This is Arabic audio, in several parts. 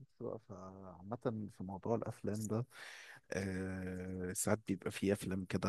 بس بقى، فعامة في موضوع الأفلام ده، ساعات بيبقى فيه أفلام كده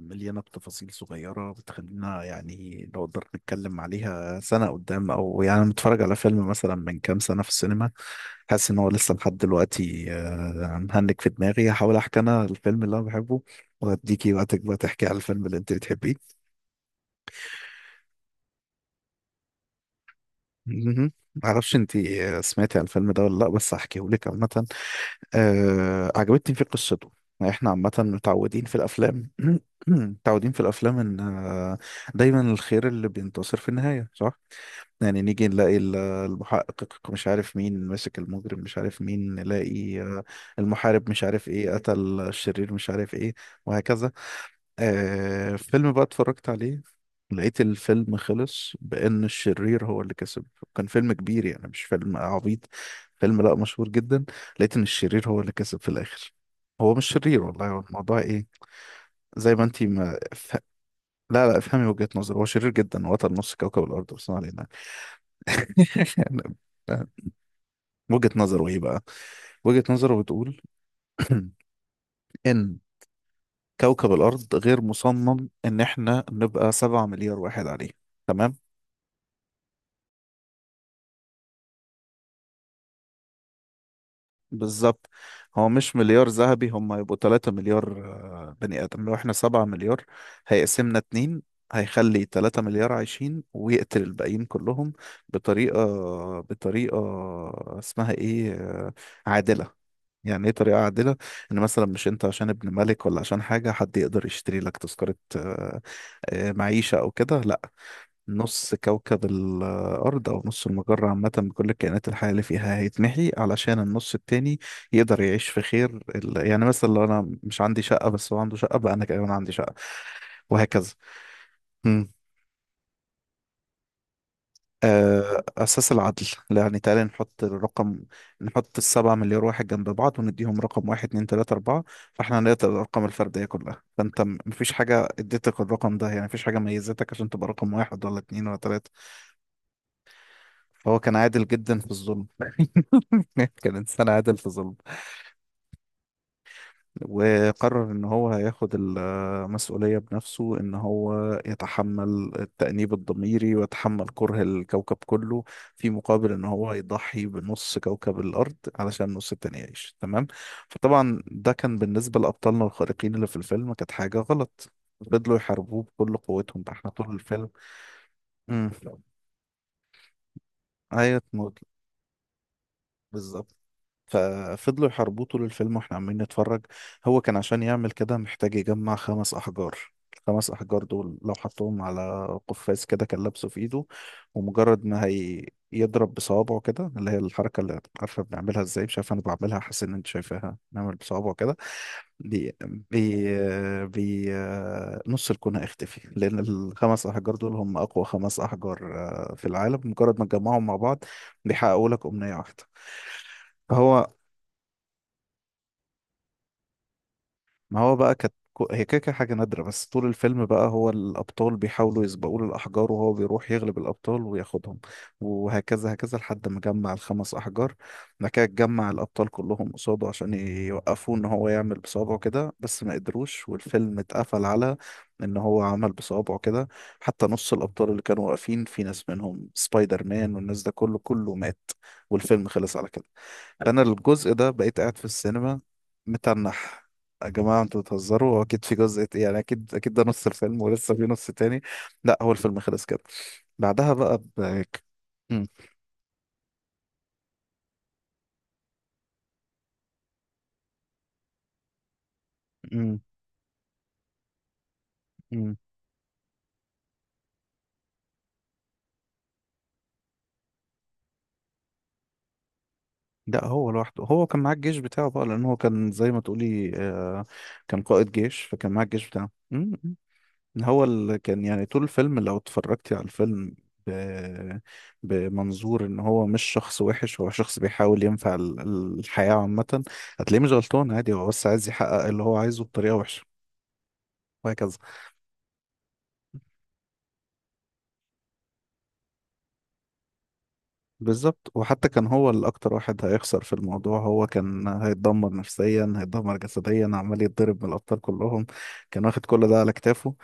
مليانة بتفاصيل صغيرة بتخلينا يعني نقدر نتكلم عليها سنة قدام، أو يعني أنا متفرج على فيلم مثلا من كام سنة في السينما، حاسس إن هو لسه لحد دلوقتي مهنك في دماغي. هحاول أحكي أنا الفيلم اللي أنا بحبه، وأديكي وقتك بقى تحكي على الفيلم اللي أنت بتحبيه. مهم. معرفش أنت سمعتي على الفيلم ده ولا لأ، بس هحكيهولك عامة. عجبتني فيه قصته. يعني احنا عامة متعودين في الأفلام متعودين في الأفلام إن دايما الخير اللي بينتصر في النهاية، صح؟ يعني نيجي نلاقي المحقق مش عارف مين ماسك، المجرم مش عارف مين، نلاقي المحارب مش عارف ايه قتل، الشرير مش عارف ايه، وهكذا. فيلم بقى اتفرجت عليه، لقيت الفيلم خلص بأن الشرير هو اللي كسب. كان فيلم كبير يعني، مش فيلم عبيط، فيلم لا مشهور جدا. لقيت ان الشرير هو اللي كسب في الاخر. هو مش شرير، والله هو الموضوع ايه، زي ما انتي ما ف... لا لا، افهمي وجهة نظري. هو شرير جدا وقتل نص كوكب الارض، بس ما علينا. وجهة نظره ايه بقى؟ وجهة نظره بتقول ان كوكب الارض غير مصمم ان احنا نبقى 7 مليار واحد عليه. تمام؟ بالظبط. هو مش مليار ذهبي، هم يبقوا 3 مليار بني آدم. لو احنا 7 مليار، هيقسمنا اتنين، هيخلي 3 مليار عايشين ويقتل الباقيين كلهم بطريقة، بطريقة اسمها ايه، عادلة. يعني ايه طريقة عادلة؟ ان مثلا مش انت عشان ابن ملك ولا عشان حاجة حد يقدر يشتري لك تذكرة معيشة او كده، لا. نص كوكب الأرض أو نص المجرة عامة بكل الكائنات الحية اللي فيها هيتمحي علشان النص التاني يقدر يعيش في خير يعني مثلا لو أنا مش عندي شقة بس هو عنده شقة، بقى أنا كمان عندي شقة، وهكذا. مم. أساس العدل. يعني تعالى نحط الرقم، نحط ال7 مليار واحد جنب بعض ونديهم رقم واحد اتنين تلاتة أربعة. فاحنا هنقدر الأرقام الفردية كلها. فأنت مفيش حاجة اديتك الرقم ده، يعني مفيش حاجة ميزتك عشان تبقى رقم واحد ولا اتنين ولا تلاتة. فهو كان عادل جدا في الظلم. كان إنسان عادل في الظلم، وقرر إن هو هياخد المسؤولية بنفسه، إن هو يتحمل التأنيب الضميري ويتحمل كره الكوكب كله في مقابل إن هو يضحي بنص كوكب الأرض علشان النص التاني يعيش. تمام؟ فطبعا ده كان بالنسبة لأبطالنا الخارقين اللي في الفيلم كانت حاجة غلط، فضلوا يحاربوه بكل قوتهم بقى احنا طول الفيلم. امم. ايوه، موت. بالظبط. ففضلوا يحاربوه طول الفيلم واحنا عمالين نتفرج. هو كان عشان يعمل كده محتاج يجمع خمس أحجار. الخمس أحجار دول لو حطهم على قفاز كده كان لابسه في إيده، ومجرد ما هي يضرب بصوابعه كده، اللي هي الحركة اللي عارفة بنعملها ازاي، مش عارف انا بعملها حاسس ان انت شايفاها، نعمل بصوابعه كده. بي، بي، بي. نص الكون هيختفي، لأن الخمس أحجار دول هم أقوى خمس أحجار في العالم. مجرد ما تجمعهم مع بعض بيحققوا لك أمنية واحدة. فهو ما هو بقى كانت هي كده كده حاجة نادرة، بس طول الفيلم بقى هو الأبطال بيحاولوا يسبقوا له الأحجار، وهو بيروح يغلب الأبطال وياخدهم، وهكذا هكذا لحد ما جمع الخمس أحجار. بعد كده جمع الأبطال كلهم قصاده عشان يوقفوه إن هو يعمل بصوابعه كده، بس ما قدروش. والفيلم اتقفل على إن هو عمل بصوابعه كده، حتى نص الأبطال اللي كانوا واقفين في ناس منهم سبايدر مان والناس ده كله كله مات، والفيلم خلص على كده. فأنا الجزء ده بقيت قاعد في السينما متنح. يا جماعة انتوا بتهزروا، هو اكيد في جزء يعني اكيد اكيد ده نص الفيلم ولسه في نص تاني. لا هو الفيلم خلص كده. بعدها بقى مم. مم. مم. لا، هو لوحده. هو كان معاه الجيش بتاعه بقى، لان هو كان زي ما تقولي كان قائد جيش، فكان معاه الجيش بتاعه. مم. مم. هو اللي كان يعني طول الفيلم لو اتفرجتي على الفيلم ب... بمنظور ان هو مش شخص وحش، هو شخص بيحاول ينفع الحياة عامة، هتلاقيه مش غلطان عادي. هو بس عايز يحقق اللي هو عايزه بطريقة وحشة، وهكذا. بالظبط. وحتى كان هو اللي اكتر واحد هيخسر في الموضوع، هو كان هيتدمر نفسيا، هيتدمر جسديا عمال يتضرب من الابطال كلهم. كان واخد كل ده على كتافه،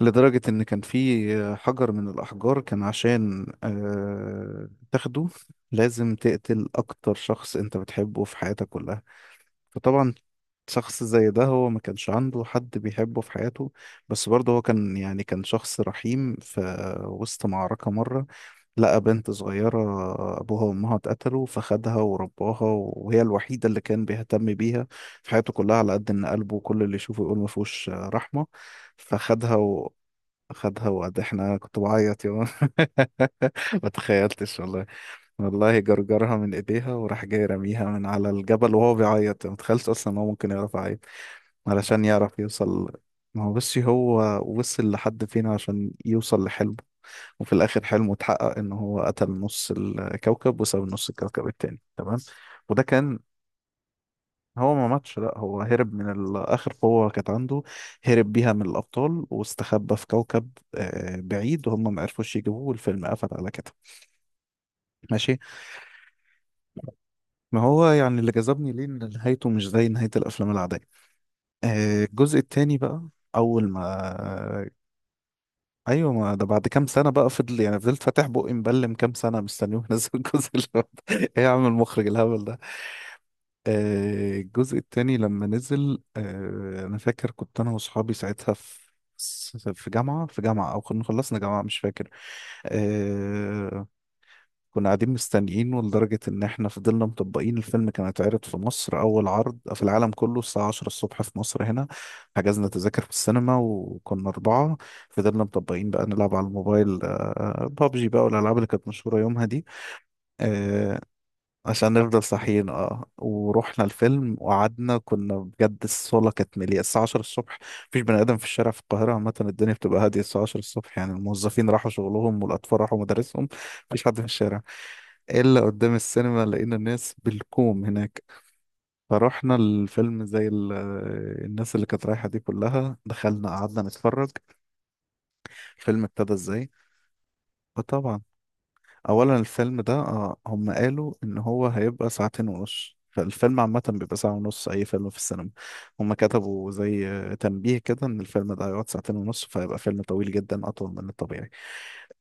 لدرجة ان كان في حجر من الاحجار كان عشان تاخده لازم تقتل اكتر شخص انت بتحبه في حياتك كلها. فطبعا شخص زي ده هو ما كانش عنده حد بيحبه في حياته، بس برضه هو كان يعني كان شخص رحيم. في وسط معركة مرة لقى بنت صغيرة أبوها وأمها اتقتلوا، فخدها ورباها وهي الوحيدة اللي كان بيهتم بيها في حياته كلها، على قد إن قلبه كل اللي يشوفه يقول ما فيهوش رحمة. فخدها خدها، وقد احنا كنت بعيط يا مان. ما تخيلتش والله. والله جرجرها من ايديها وراح جاي رميها من على الجبل وهو بيعيط، ما تخيلتش اصلا ان هو ممكن يعرف يعيط علشان يعرف يوصل. ما هو بس هو وصل لحد فين عشان يوصل لحلمه. وفي الاخر حلمه اتحقق، ان هو قتل نص الكوكب وساب نص الكوكب التاني. تمام؟ وده كان. هو ما ماتش، لا هو هرب من اخر قوة كانت عنده، هرب بيها من الابطال، واستخبى في كوكب بعيد وهم ما عرفوش يجيبوه، والفيلم قفل على كده. ماشي. ما هو يعني اللي جذبني ليه ان نهايته مش زي نهاية الافلام العادية. الجزء التاني بقى. اول ما ايوه، ما ده بعد كام سنه بقى، فضل يعني فضلت فاتح بقي مبلم كام سنه مستنيه ينزل الجزء اللي بعده. ايه يا عم المخرج الهبل ده. الجزء التاني لما نزل، انا فاكر كنت انا واصحابي ساعتها في جامعة، في جامعة او كنا خلصنا جامعة مش فاكر. آه، كنا قاعدين مستنيينه لدرجة ان احنا فضلنا مطبقين. الفيلم كان هيتعرض في مصر اول عرض في العالم كله الساعة 10 الصبح في مصر هنا. حجزنا تذاكر في السينما وكنا اربعة. فضلنا مطبقين بقى نلعب على الموبايل، بابجي بقى والالعاب اللي كانت مشهورة يومها دي، آه، عشان نفضل صاحيين. اه، ورحنا الفيلم وقعدنا، كنا بجد الصاله كانت مليئه الساعه 10 الصبح. مفيش بني ادم في الشارع في القاهره عامه، الدنيا بتبقى هاديه الساعه 10 الصبح، يعني الموظفين راحوا شغلهم والاطفال راحوا مدارسهم. مفيش حد في الشارع، الا قدام السينما لقينا الناس بالكوم هناك. فرحنا الفيلم زي الناس اللي كانت رايحه دي كلها، دخلنا قعدنا نتفرج الفيلم ابتدى ازاي. فطبعا اولا الفيلم ده هم قالوا ان هو هيبقى ساعتين ونص. فالفيلم عامة بيبقى ساعة ونص، أي فيلم في السينما. هم كتبوا زي تنبيه كده، إن الفيلم ده هيقعد ساعتين ونص، فهيبقى فيلم طويل جدا أطول من الطبيعي.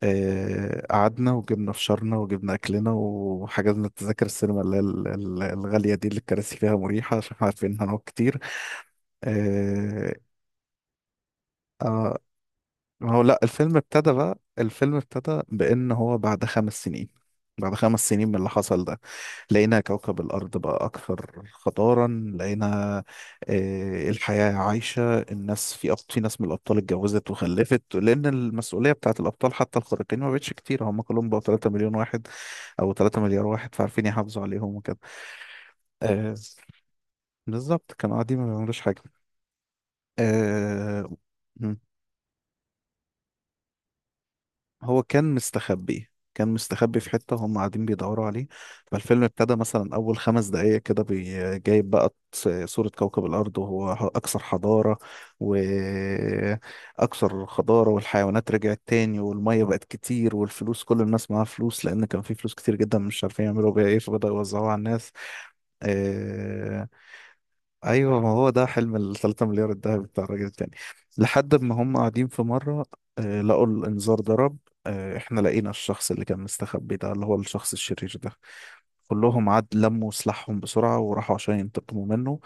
قعدنا وجبنا فشارنا وجبنا أكلنا، وحجزنا تذاكر السينما اللي هي الغالية دي اللي الكراسي فيها مريحة، عشان عارفين إن هنقعد كتير. آه، آه، ما هو لا الفيلم ابتدى بقى. الفيلم ابتدى بان هو بعد 5 سنين، من اللي حصل ده، لقينا كوكب الارض بقى اكثر خطارا. لقينا الحياه عايشه، الناس في في ناس من الابطال اتجوزت وخلفت لان المسؤوليه بتاعت الابطال حتى الخارقين ما بقتش كتير، هم كلهم بقوا 3 مليون واحد او 3 مليار واحد فعارفين يحافظوا عليهم وكده. آه، بالظبط. كانوا قاعدين ما بيعملوش حاجه. آه، هو كان مستخبي، كان مستخبي في حتة وهم قاعدين بيدوروا عليه. فالفيلم ابتدى مثلا أول 5 دقايق كده جايب بقى صورة كوكب الأرض وهو أكثر حضارة وأكثر خضارة، والحيوانات رجعت تاني، والمية بقت كتير، والفلوس كل الناس معاها فلوس، لأن كان في فلوس كتير جدا مش عارفين يعملوا بيها إيه، فبدأوا يوزعوها على الناس. آه، ايوه، ما هو ده حلم ال 3 مليار الذهبي بتاع الراجل التاني. لحد ما هم قاعدين في مره لقوا الانذار ضرب. احنا لقينا الشخص اللي كان مستخبي ده اللي هو الشخص الشرير ده، كلهم عاد لموا سلاحهم بسرعه وراحوا عشان ينتقموا منه.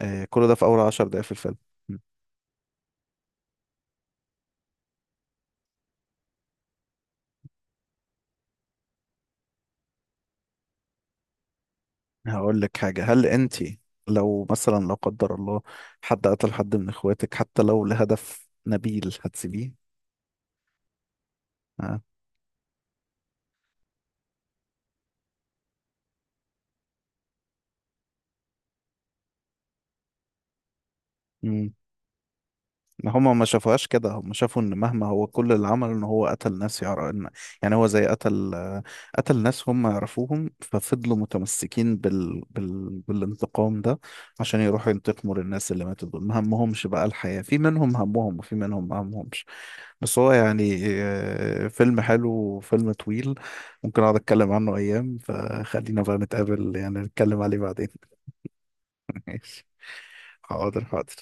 كل ده في اول 10 دقائق في الفيلم. م. هقول لك حاجه، هل انت لو مثلا لا قدر الله حد قتل حد من اخواتك حتى لو لهدف نبيل هتسيبيه؟ ها. ما هما ما شافوهاش كده، هما شافوا ان مهما هو كل اللي عمله ان هو قتل ناس يعرف إن، يعني هو زي قتل، ناس هم يعرفوهم، ففضلوا متمسكين بالانتقام ده، عشان يروحوا ينتقموا للناس اللي ماتوا دول. ما همهمش بقى الحياة، في منهم همهم وفي منهم ما همهمش. بس هو يعني فيلم حلو وفيلم طويل، ممكن اقعد اتكلم عنه ايام. فخلينا بقى نتقابل يعني نتكلم عليه بعدين. ماشي. حاضر حاضر.